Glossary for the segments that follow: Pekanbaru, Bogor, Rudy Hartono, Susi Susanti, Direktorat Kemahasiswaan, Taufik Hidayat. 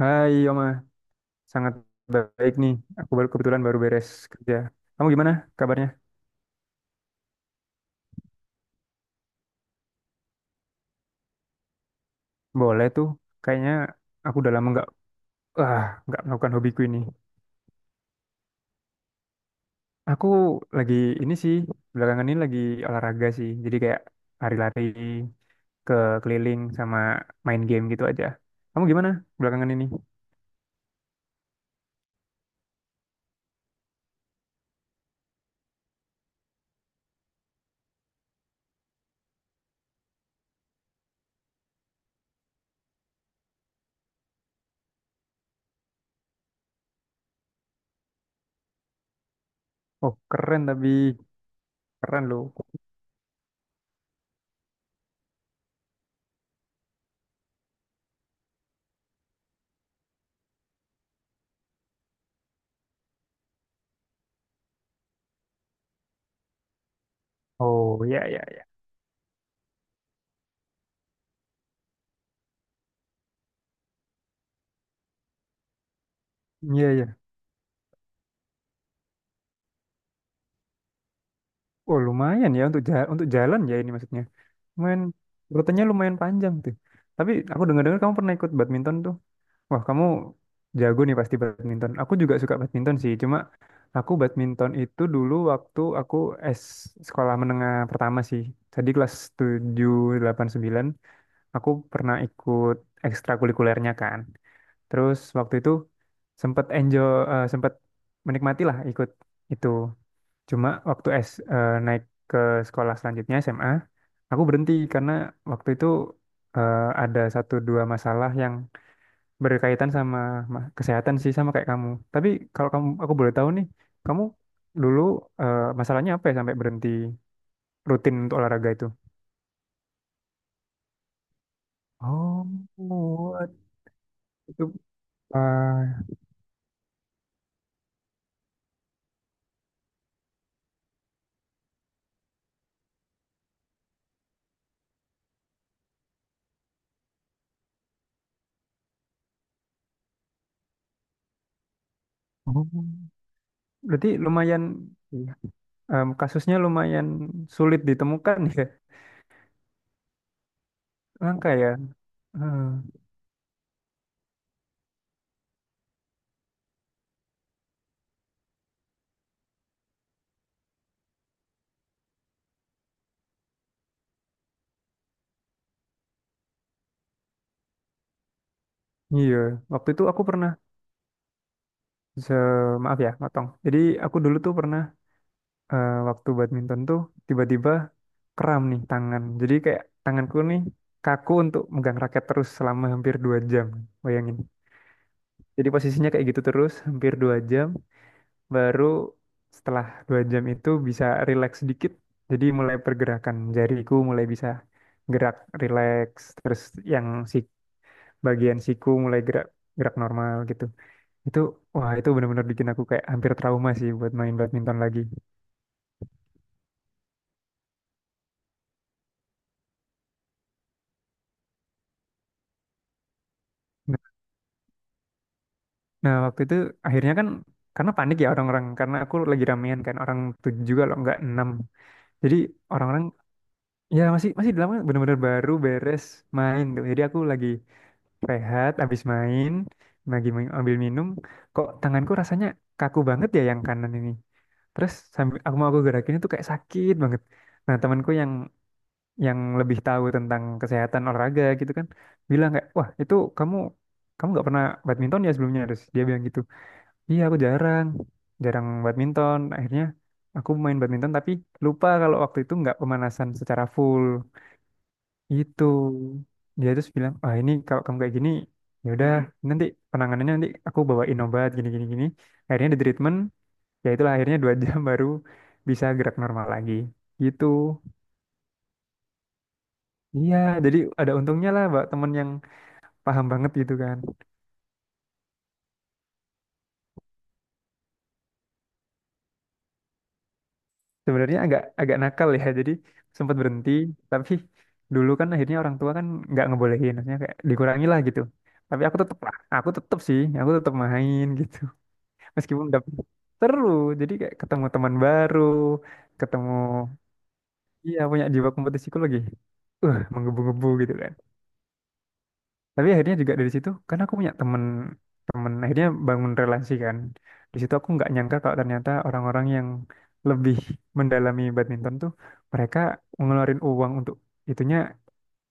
Hai Yoma, sangat baik nih. Aku baru kebetulan baru beres kerja. Kamu gimana kabarnya? Boleh tuh. Kayaknya aku udah lama nggak melakukan hobiku ini. Aku lagi ini sih, belakangan ini lagi olahraga sih. Jadi kayak lari-lari ke keliling sama main game gitu aja. Kamu gimana belakangan ini? Oh keren, tapi keren loh. Oh ya ya ya. Iya ya. Oh lumayan ya, untuk jalan ya, ini maksudnya. Lumayan, rutenya lumayan panjang tuh. Tapi aku dengar-dengar kamu pernah ikut badminton tuh. Wah, kamu jago nih pasti badminton. Aku juga suka badminton sih. Cuma aku badminton itu dulu waktu aku S sekolah menengah pertama sih. Jadi kelas 7, 8, 9, aku pernah ikut ekstrakurikulernya kan. Terus waktu itu sempat enjoy, sempat menikmati lah ikut itu. Cuma waktu naik ke sekolah selanjutnya SMA, aku berhenti karena waktu itu eh, ada satu dua masalah yang berkaitan sama kesehatan sih, sama kayak kamu. Tapi kalau kamu, aku boleh tahu nih, kamu dulu masalahnya apa ya sampai berhenti rutin untuk olahraga itu? Oh, what? Itu, eh, oh, berarti lumayan. Iya. Kasusnya lumayan sulit ditemukan ya, langka ya. Hmm, iya, waktu itu aku pernah. Se Maaf ya, motong. Jadi aku dulu tuh pernah, waktu badminton tuh tiba-tiba kram nih tangan. Jadi kayak tanganku nih kaku untuk megang raket terus selama hampir 2 jam. Bayangin. Jadi posisinya kayak gitu terus hampir 2 jam. Baru setelah 2 jam itu bisa rileks sedikit. Jadi mulai pergerakan jariku mulai bisa gerak rileks. Terus yang si bagian siku mulai gerak gerak normal gitu. Itu, wah, itu benar-benar bikin aku kayak hampir trauma sih buat main badminton lagi. Nah, nah, waktu itu akhirnya kan karena panik ya orang-orang, karena aku lagi ramean kan, orang tujuh juga loh, nggak enam. Jadi orang-orang ya masih masih di lapangan, benar bener baru beres main tuh. Jadi aku lagi rehat habis main, lagi ambil minum, kok tanganku rasanya kaku banget ya, yang kanan ini. Terus sambil aku mau aku gerakin itu kayak sakit banget. Nah temanku yang lebih tahu tentang kesehatan olahraga gitu kan, bilang kayak, wah itu kamu kamu nggak pernah badminton ya sebelumnya. Terus dia bilang gitu, iya aku jarang jarang badminton. Akhirnya aku main badminton tapi lupa kalau waktu itu nggak pemanasan secara full. Itu dia terus bilang, ah ini kalau kamu kayak gini ya udah, nanti penanganannya nanti aku bawain obat gini gini gini. Akhirnya di treatment, ya itulah, akhirnya dua jam baru bisa gerak normal lagi gitu. Iya, jadi ada untungnya lah, Mbak, temen yang paham banget gitu kan. Sebenarnya agak agak nakal ya. Jadi sempat berhenti, tapi dulu kan akhirnya orang tua kan nggak ngebolehin, maksudnya kayak dikurangi lah gitu. Tapi aku tetep lah, aku tetep sih, aku tetep main gitu. Meskipun udah seru, jadi kayak ketemu teman baru, ketemu, iya, punya jiwa kompetisiku lagi. Menggebu-gebu gitu, tapi akhirnya juga dari situ karena aku punya temen temen, akhirnya bangun relasi kan. Di situ aku nggak nyangka kalau ternyata orang-orang yang lebih mendalami badminton tuh mereka ngeluarin uang untuk itunya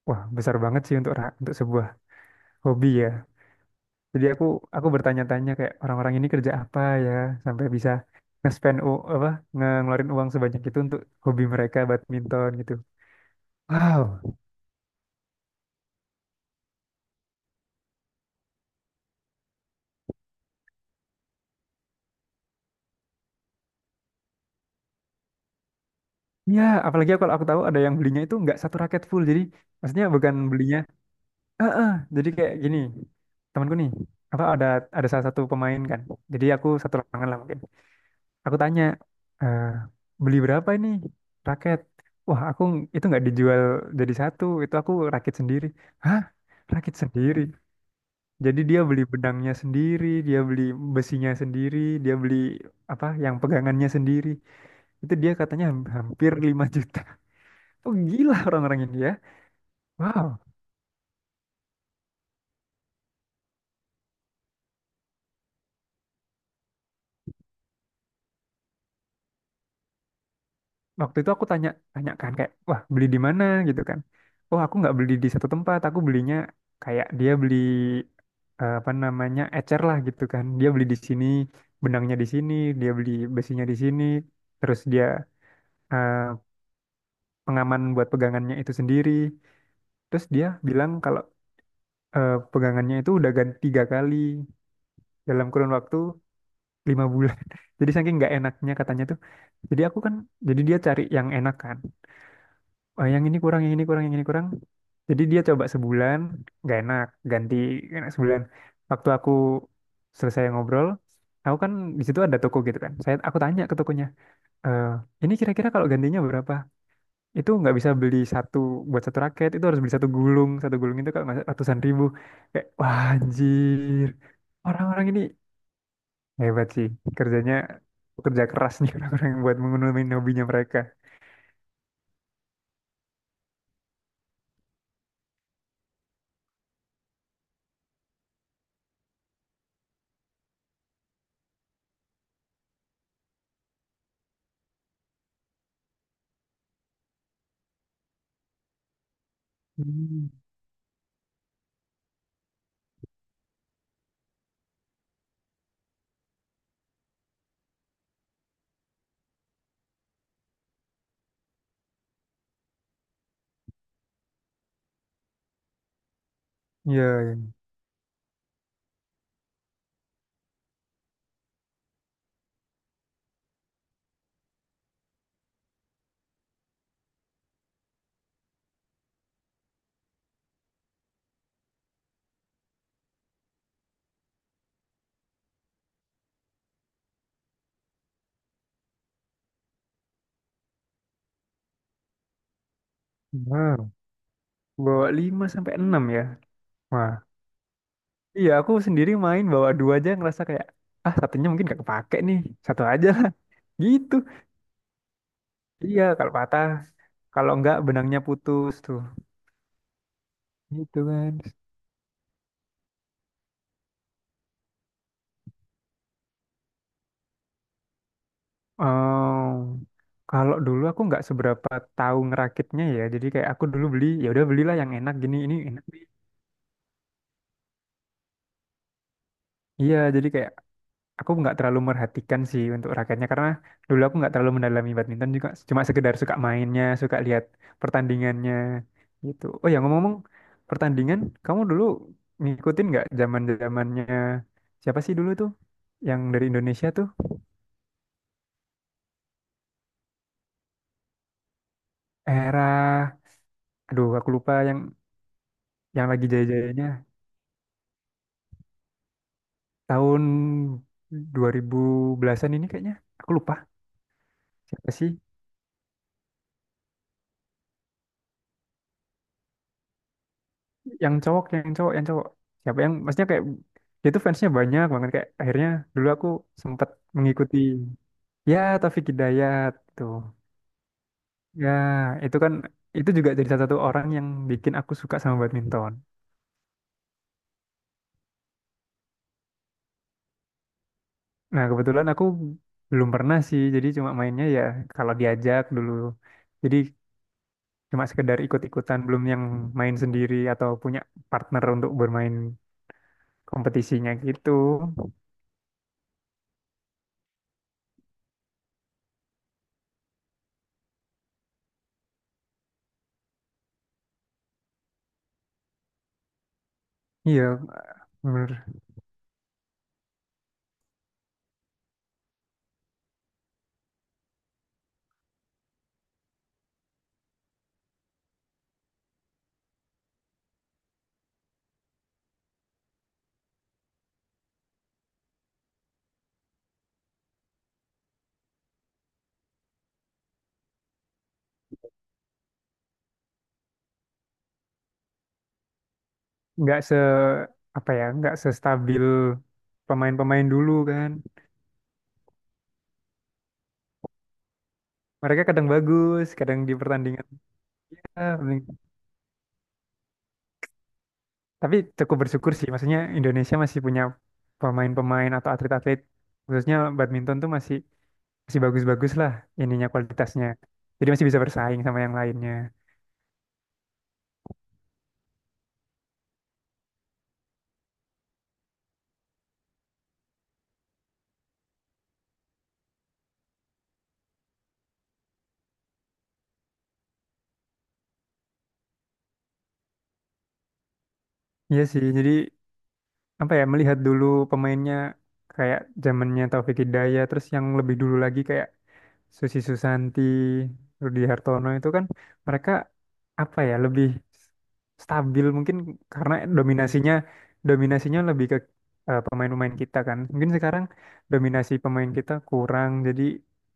wah besar banget sih, untuk untuk sebuah hobi ya. Jadi aku bertanya-tanya kayak, orang-orang ini kerja apa ya sampai bisa nge-spend u- apa nge- ngeluarin uang sebanyak itu untuk hobi mereka badminton gitu, wow. Ya apalagi kalau aku tahu ada yang belinya itu nggak satu raket full, jadi maksudnya bukan belinya. Heeh, jadi kayak gini, temanku nih, apa ada salah satu pemain kan. Jadi aku satu lapangan lah mungkin. Aku tanya, "Eh, beli berapa ini raket?" Wah, aku itu nggak dijual jadi satu, itu aku rakit sendiri. Hah? Rakit sendiri? Jadi dia beli benangnya sendiri, dia beli besinya sendiri, dia beli apa yang pegangannya sendiri. Itu dia katanya hampir 5 juta. Oh, gila orang-orang ini ya. Wow. Waktu itu aku tanyakan kayak, wah beli di mana gitu kan. Oh aku nggak beli di satu tempat, aku belinya kayak dia beli, apa namanya, ecer lah gitu kan. Dia beli di sini benangnya, di sini dia beli besinya, di sini terus dia, eh, pengaman buat pegangannya itu sendiri. Terus dia bilang kalau pegangannya itu udah ganti 3 kali dalam kurun waktu 5 bulan jadi saking nggak enaknya katanya tuh, jadi aku kan, jadi dia cari yang enak kan. Oh, yang ini kurang, yang ini kurang, yang ini kurang. Jadi dia coba sebulan, gak enak, ganti, gak enak sebulan. Waktu aku selesai ngobrol, aku kan di situ ada toko gitu kan. Saya aku tanya ke tokonya, "Eh, ini kira-kira kalau gantinya berapa?" Itu nggak bisa beli satu buat satu raket, itu harus beli satu gulung itu kalau nggak salah ratusan ribu. Kayak wah, anjir, orang-orang ini hebat sih, kerjanya kerja keras nih orang-orang yang buat mengunumin hobinya mereka. Hmm. Iya, iya. Wow. Bawa 5 sampai 6 ya. Wah, iya, aku sendiri main bawa dua aja ngerasa kayak ah satunya mungkin gak kepake nih. Satu aja lah. Gitu. Iya, kalau patah, kalau enggak benangnya putus tuh. Gitu kan. Oh, kalau dulu aku nggak seberapa tahu ngerakitnya ya. Jadi kayak aku dulu beli, ya udah belilah yang enak gini, ini enak. Iya, jadi kayak aku nggak terlalu merhatikan sih untuk raketnya, karena dulu aku nggak terlalu mendalami badminton juga, cuma sekedar suka mainnya, suka lihat pertandingannya gitu. Oh ya, ngomong-ngomong pertandingan, kamu dulu ngikutin nggak zaman zamannya siapa sih dulu tuh yang dari Indonesia tuh? Era, aduh aku lupa yang lagi jaya-jayanya tahun 2000 belasan ini kayaknya, aku lupa siapa sih, yang cowok, yang cowok, yang cowok siapa, yang maksudnya kayak dia tuh fansnya banyak banget, kayak akhirnya dulu aku sempat mengikuti, ya Taufik Hidayat tuh, ya itu kan itu juga jadi salah satu orang yang bikin aku suka sama badminton. Nah kebetulan aku belum pernah sih, jadi cuma mainnya ya kalau diajak dulu. Jadi cuma sekedar ikut-ikutan, belum yang main sendiri atau punya partner untuk bermain kompetisinya gitu. Iya menurut, nggak se, apa ya, nggak sestabil pemain-pemain dulu kan. Mereka kadang bagus kadang di pertandingan. Ah, tapi cukup bersyukur sih, maksudnya Indonesia masih punya pemain-pemain atau atlet-atlet, khususnya badminton tuh masih masih bagus-bagus lah ininya, kualitasnya, jadi masih bisa bersaing sama yang lainnya. Iya sih jadi, apa ya, melihat dulu pemainnya kayak zamannya Taufik Hidayat, terus yang lebih dulu lagi kayak Susi Susanti, Rudy Hartono, itu kan mereka apa ya lebih stabil mungkin karena dominasinya, dominasinya lebih ke pemain-pemain kita kan. Mungkin sekarang dominasi pemain kita kurang, jadi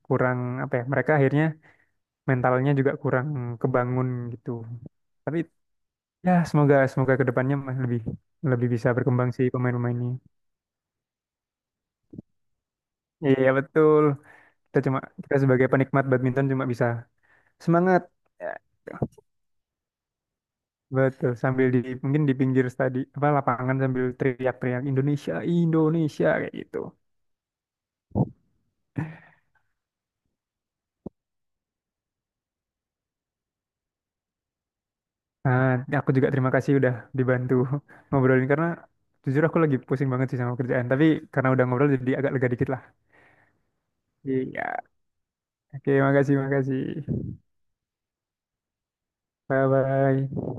kurang apa ya, mereka akhirnya mentalnya juga kurang kebangun gitu. Tapi ya semoga, semoga kedepannya mah lebih, lebih bisa berkembang sih pemain-pemain ini. Iya betul. Kita cuma, kita sebagai penikmat badminton cuma bisa semangat. Betul, sambil di mungkin di pinggir apa lapangan, sambil teriak-teriak Indonesia, Indonesia kayak gitu. Nah, aku juga terima kasih udah dibantu ngobrolin, karena jujur aku lagi pusing banget sih sama kerjaan, tapi karena udah ngobrol jadi agak lega dikit lah. Iya. Oke, makasih, makasih. Bye bye.